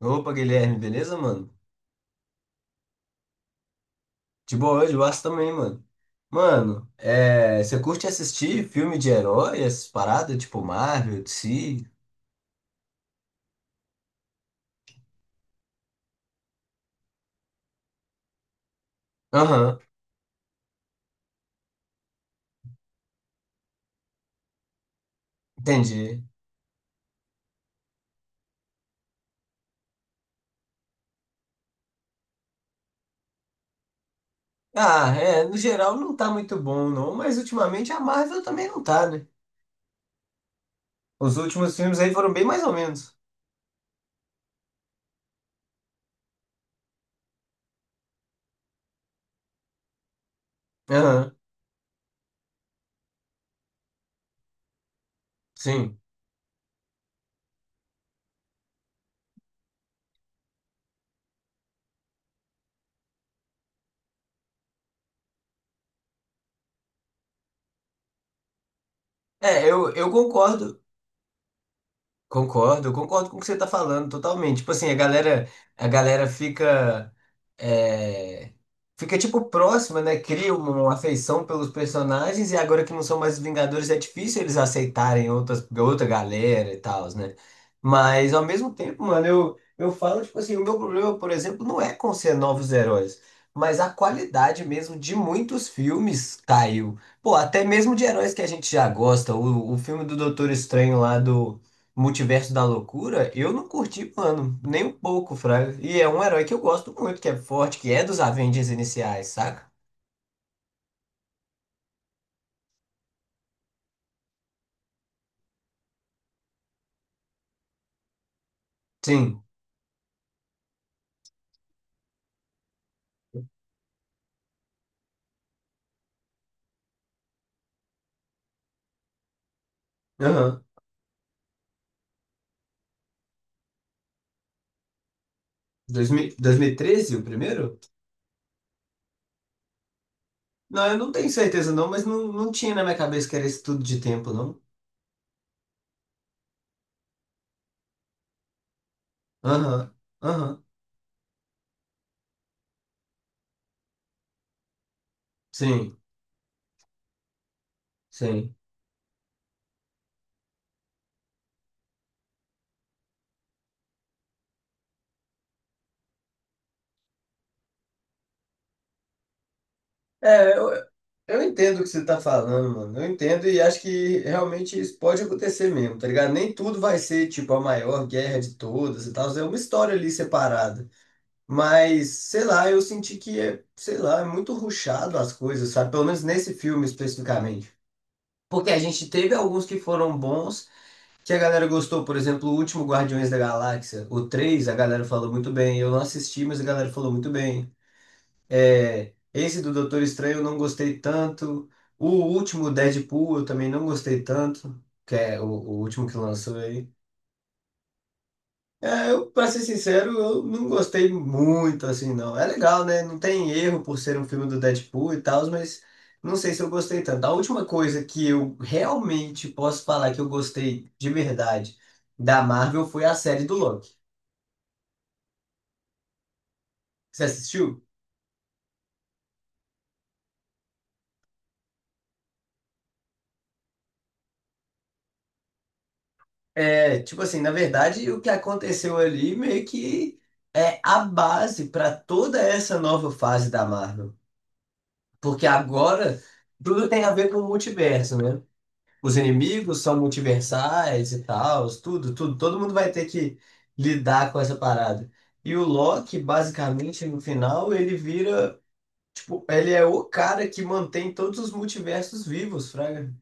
Opa, Guilherme, beleza, mano? De boa hoje, o Aço também, mano. Mano, é, você curte assistir filme de herói, essas paradas, tipo Marvel, DC? Aham, entendi. Ah, é, no geral não tá muito bom, não, mas ultimamente a Marvel também não tá, né? Os últimos filmes aí foram bem mais ou menos. Aham, sim. É, eu concordo. Concordo, concordo com o que você tá falando totalmente. Tipo assim, a galera fica, é, fica tipo próxima, né? Cria uma afeição pelos personagens e agora que não são mais os Vingadores é difícil eles aceitarem outras, outra galera e tal, né? Mas ao mesmo tempo, mano, eu falo, tipo assim, o meu problema, por exemplo, não é com ser novos heróis, mas a qualidade mesmo de muitos filmes caiu. Pô, até mesmo de heróis que a gente já gosta. O filme do Doutor Estranho lá do Multiverso da Loucura, eu não curti, mano, nem um pouco, Fraga. E é um herói que eu gosto muito, que é forte, que é dos Avengers iniciais, saca? Sim. Aham. Dois mil e treze, o primeiro? Não, eu não tenho certeza não, mas não, não tinha na minha cabeça que era esse tudo de tempo, não. Aham, aham. Sim, sim. É, eu entendo o que você tá falando, mano. Eu entendo e acho que realmente isso pode acontecer mesmo, tá ligado? Nem tudo vai ser, tipo, a maior guerra de todas e tal. É uma história ali separada. Mas, sei lá, eu senti que, é, sei lá, é muito rushado as coisas, sabe? Pelo menos nesse filme especificamente. Porque a gente teve alguns que foram bons, que a galera gostou. Por exemplo, o último Guardiões da Galáxia, o 3 a galera falou muito bem. Eu não assisti, mas a galera falou muito bem. É, esse do Doutor Estranho eu não gostei tanto. O último Deadpool eu também não gostei tanto, que é o último que lançou aí. É, eu, pra ser sincero, eu não gostei muito, assim, não. É legal, né? Não tem erro por ser um filme do Deadpool e tal, mas não sei se eu gostei tanto. A última coisa que eu realmente posso falar que eu gostei de verdade da Marvel foi a série do Loki. Você assistiu? É, tipo assim, na verdade, o que aconteceu ali meio que é a base para toda essa nova fase da Marvel. Porque agora tudo tem a ver com o multiverso, né? Os inimigos são multiversais e tal, tudo, tudo. Todo mundo vai ter que lidar com essa parada. E o Loki, basicamente, no final, ele vira, tipo, ele é o cara que mantém todos os multiversos vivos, fraga.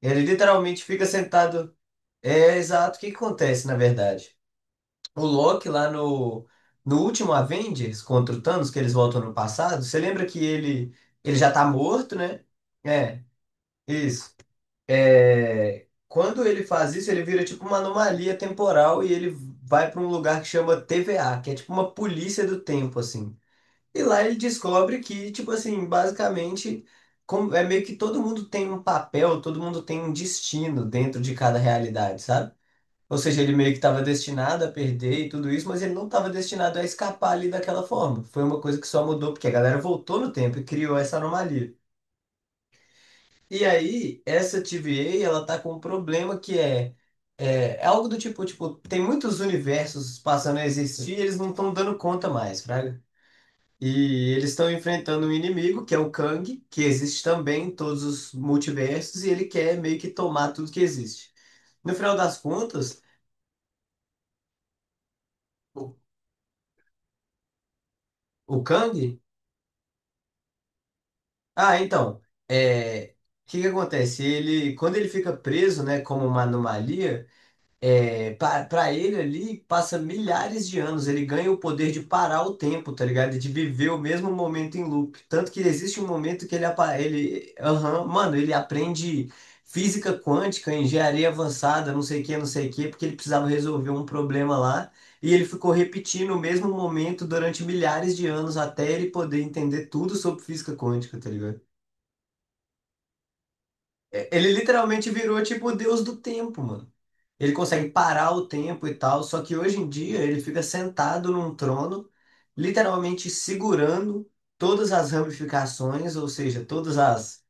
Ele literalmente fica sentado. É exato o que que acontece, na verdade. O Loki lá no último Avengers contra o Thanos, que eles voltam no passado, você lembra que ele já tá morto, né? É, isso. É, quando ele faz isso, ele vira tipo uma anomalia temporal e ele vai para um lugar que chama TVA, que é tipo uma polícia do tempo, assim. E lá ele descobre que, tipo assim, basicamente, como- é meio que todo mundo tem um papel, todo mundo tem um destino dentro de cada realidade, sabe? Ou seja, ele meio que estava destinado a perder e tudo isso, mas ele não estava destinado a escapar ali daquela forma. Foi uma coisa que só mudou porque a galera voltou no tempo e criou essa anomalia. E aí, essa TVA, ela tá com um problema que é, algo do tipo, tem muitos universos passando a existir, e eles não estão dando conta mais, fraga. E eles estão enfrentando um inimigo, que é o Kang, que existe também em todos os multiversos, e ele quer meio que tomar tudo que existe. No final das contas, o, o Kang, ah, então, é, o que que acontece? Ele, quando ele fica preso, né, como uma anomalia, é, para ele ali, passa milhares de anos, ele ganha o poder de parar o tempo, tá ligado? De viver o mesmo momento em loop. Tanto que existe um momento que ele, apa- ele, aham, mano, ele aprende física quântica, engenharia avançada, não sei o que, não sei o que, porque ele precisava resolver um problema lá, e ele ficou repetindo o mesmo momento durante milhares de anos até ele poder entender tudo sobre física quântica, tá ligado? É, ele literalmente virou tipo o deus do tempo, mano. Ele consegue parar o tempo e tal, só que hoje em dia ele fica sentado num trono, literalmente segurando todas as ramificações, ou seja, todas as,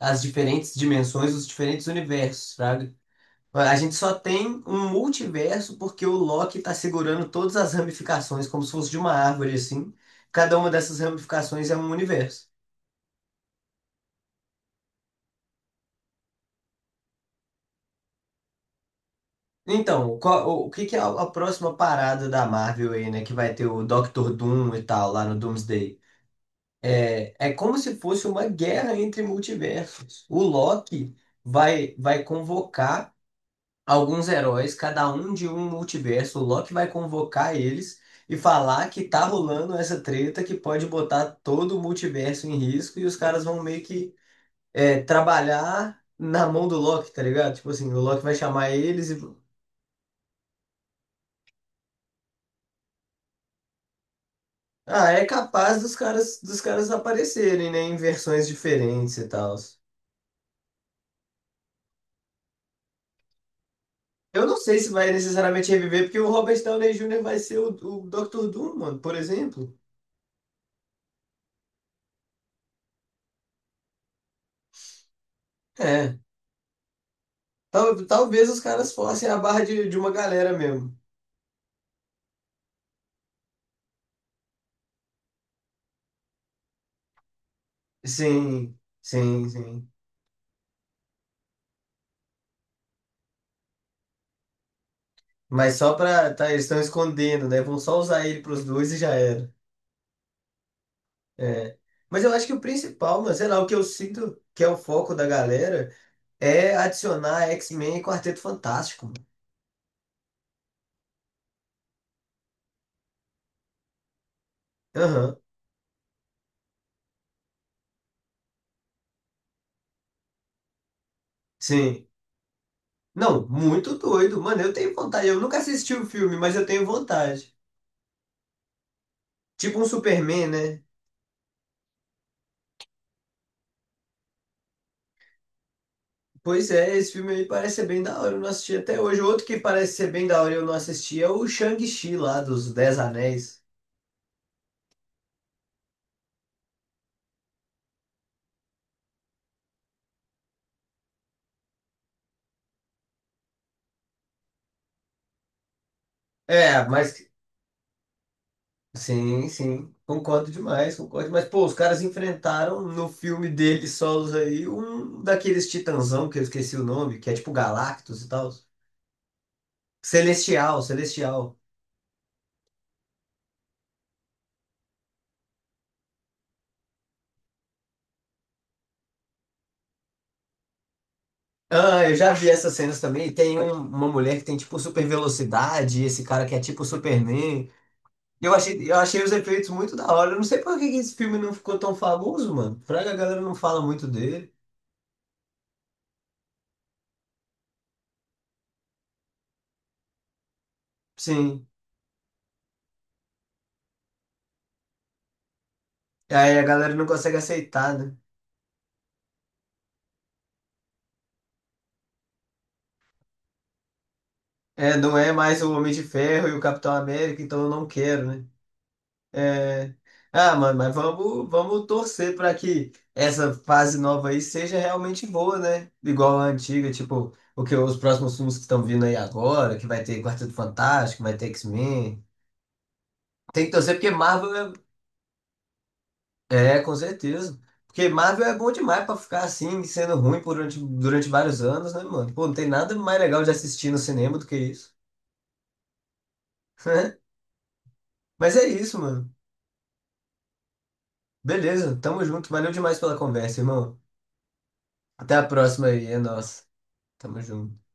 as diferentes dimensões, os diferentes universos, sabe? A gente só tem um multiverso porque o Loki tá segurando todas as ramificações, como se fosse de uma árvore assim. Cada uma dessas ramificações é um universo. Então, qual- o que que é a próxima parada da Marvel aí, né? Que vai ter o Doctor Doom e tal, lá no Doomsday. É, é como se fosse uma guerra entre multiversos. O Loki vai convocar alguns heróis, cada um de um multiverso. O Loki vai convocar eles e falar que tá rolando essa treta que pode botar todo o multiverso em risco e os caras vão meio que é, trabalhar na mão do Loki, tá ligado? Tipo assim, o Loki vai chamar eles e. Ah, é capaz dos caras aparecerem, né, em versões diferentes e tal. Eu não sei se vai necessariamente reviver, porque o Robert Downey Jr. vai ser o Dr. Doom, mano, por exemplo. É, tal- talvez os caras forcem a barra de uma galera mesmo. Sim, sim, sim. Mas só pra. Tá, eles estão escondendo, né? Vão só usar ele pros dois e já era. É. Mas eu acho que o principal, mas sei lá, o que eu sinto que é o foco da galera é adicionar X-Men e Quarteto Fantástico. Mano. Aham, sim. Não, muito doido. Mano, eu tenho vontade. Eu nunca assisti o filme, mas eu tenho vontade. Tipo um Superman, né? Pois é, esse filme aí parece ser bem da hora, eu não assisti até hoje. Outro que parece ser bem da hora e eu não assisti é o Shang-Chi lá dos Dez Anéis. É, mas sim, sim, concordo demais, concordo. Mas pô, os caras enfrentaram no filme deles solos aí um daqueles titãzão que eu esqueci o nome, que é tipo Galactus e tal. Celestial, Celestial. Ah, eu já vi essas cenas também. Tem um- uma mulher que tem tipo super velocidade, esse cara que é tipo Superman. Eu achei os efeitos muito da hora. Eu não sei por que que esse filme não ficou tão famoso, mano. Fraga, a galera não fala muito dele. Sim. Aí a galera não consegue aceitar, né? É, não é mais o Homem de Ferro e o Capitão América, então eu não quero, né? É. Ah, mano, mas vamos torcer pra que essa fase nova aí seja realmente boa, né? Igual a antiga, tipo, o que os próximos filmes que estão vindo aí agora, que vai ter Quarteto Fantástico, vai ter X-Men. Tem que torcer porque Marvel é. É, com certeza. Porque Marvel é bom demais pra ficar assim, sendo ruim por durante vários anos, né, mano? Pô, não tem nada mais legal de assistir no cinema do que isso. Mas é isso, mano. Beleza, tamo junto. Valeu demais pela conversa, irmão. Até a próxima aí, é nóis. Tamo junto.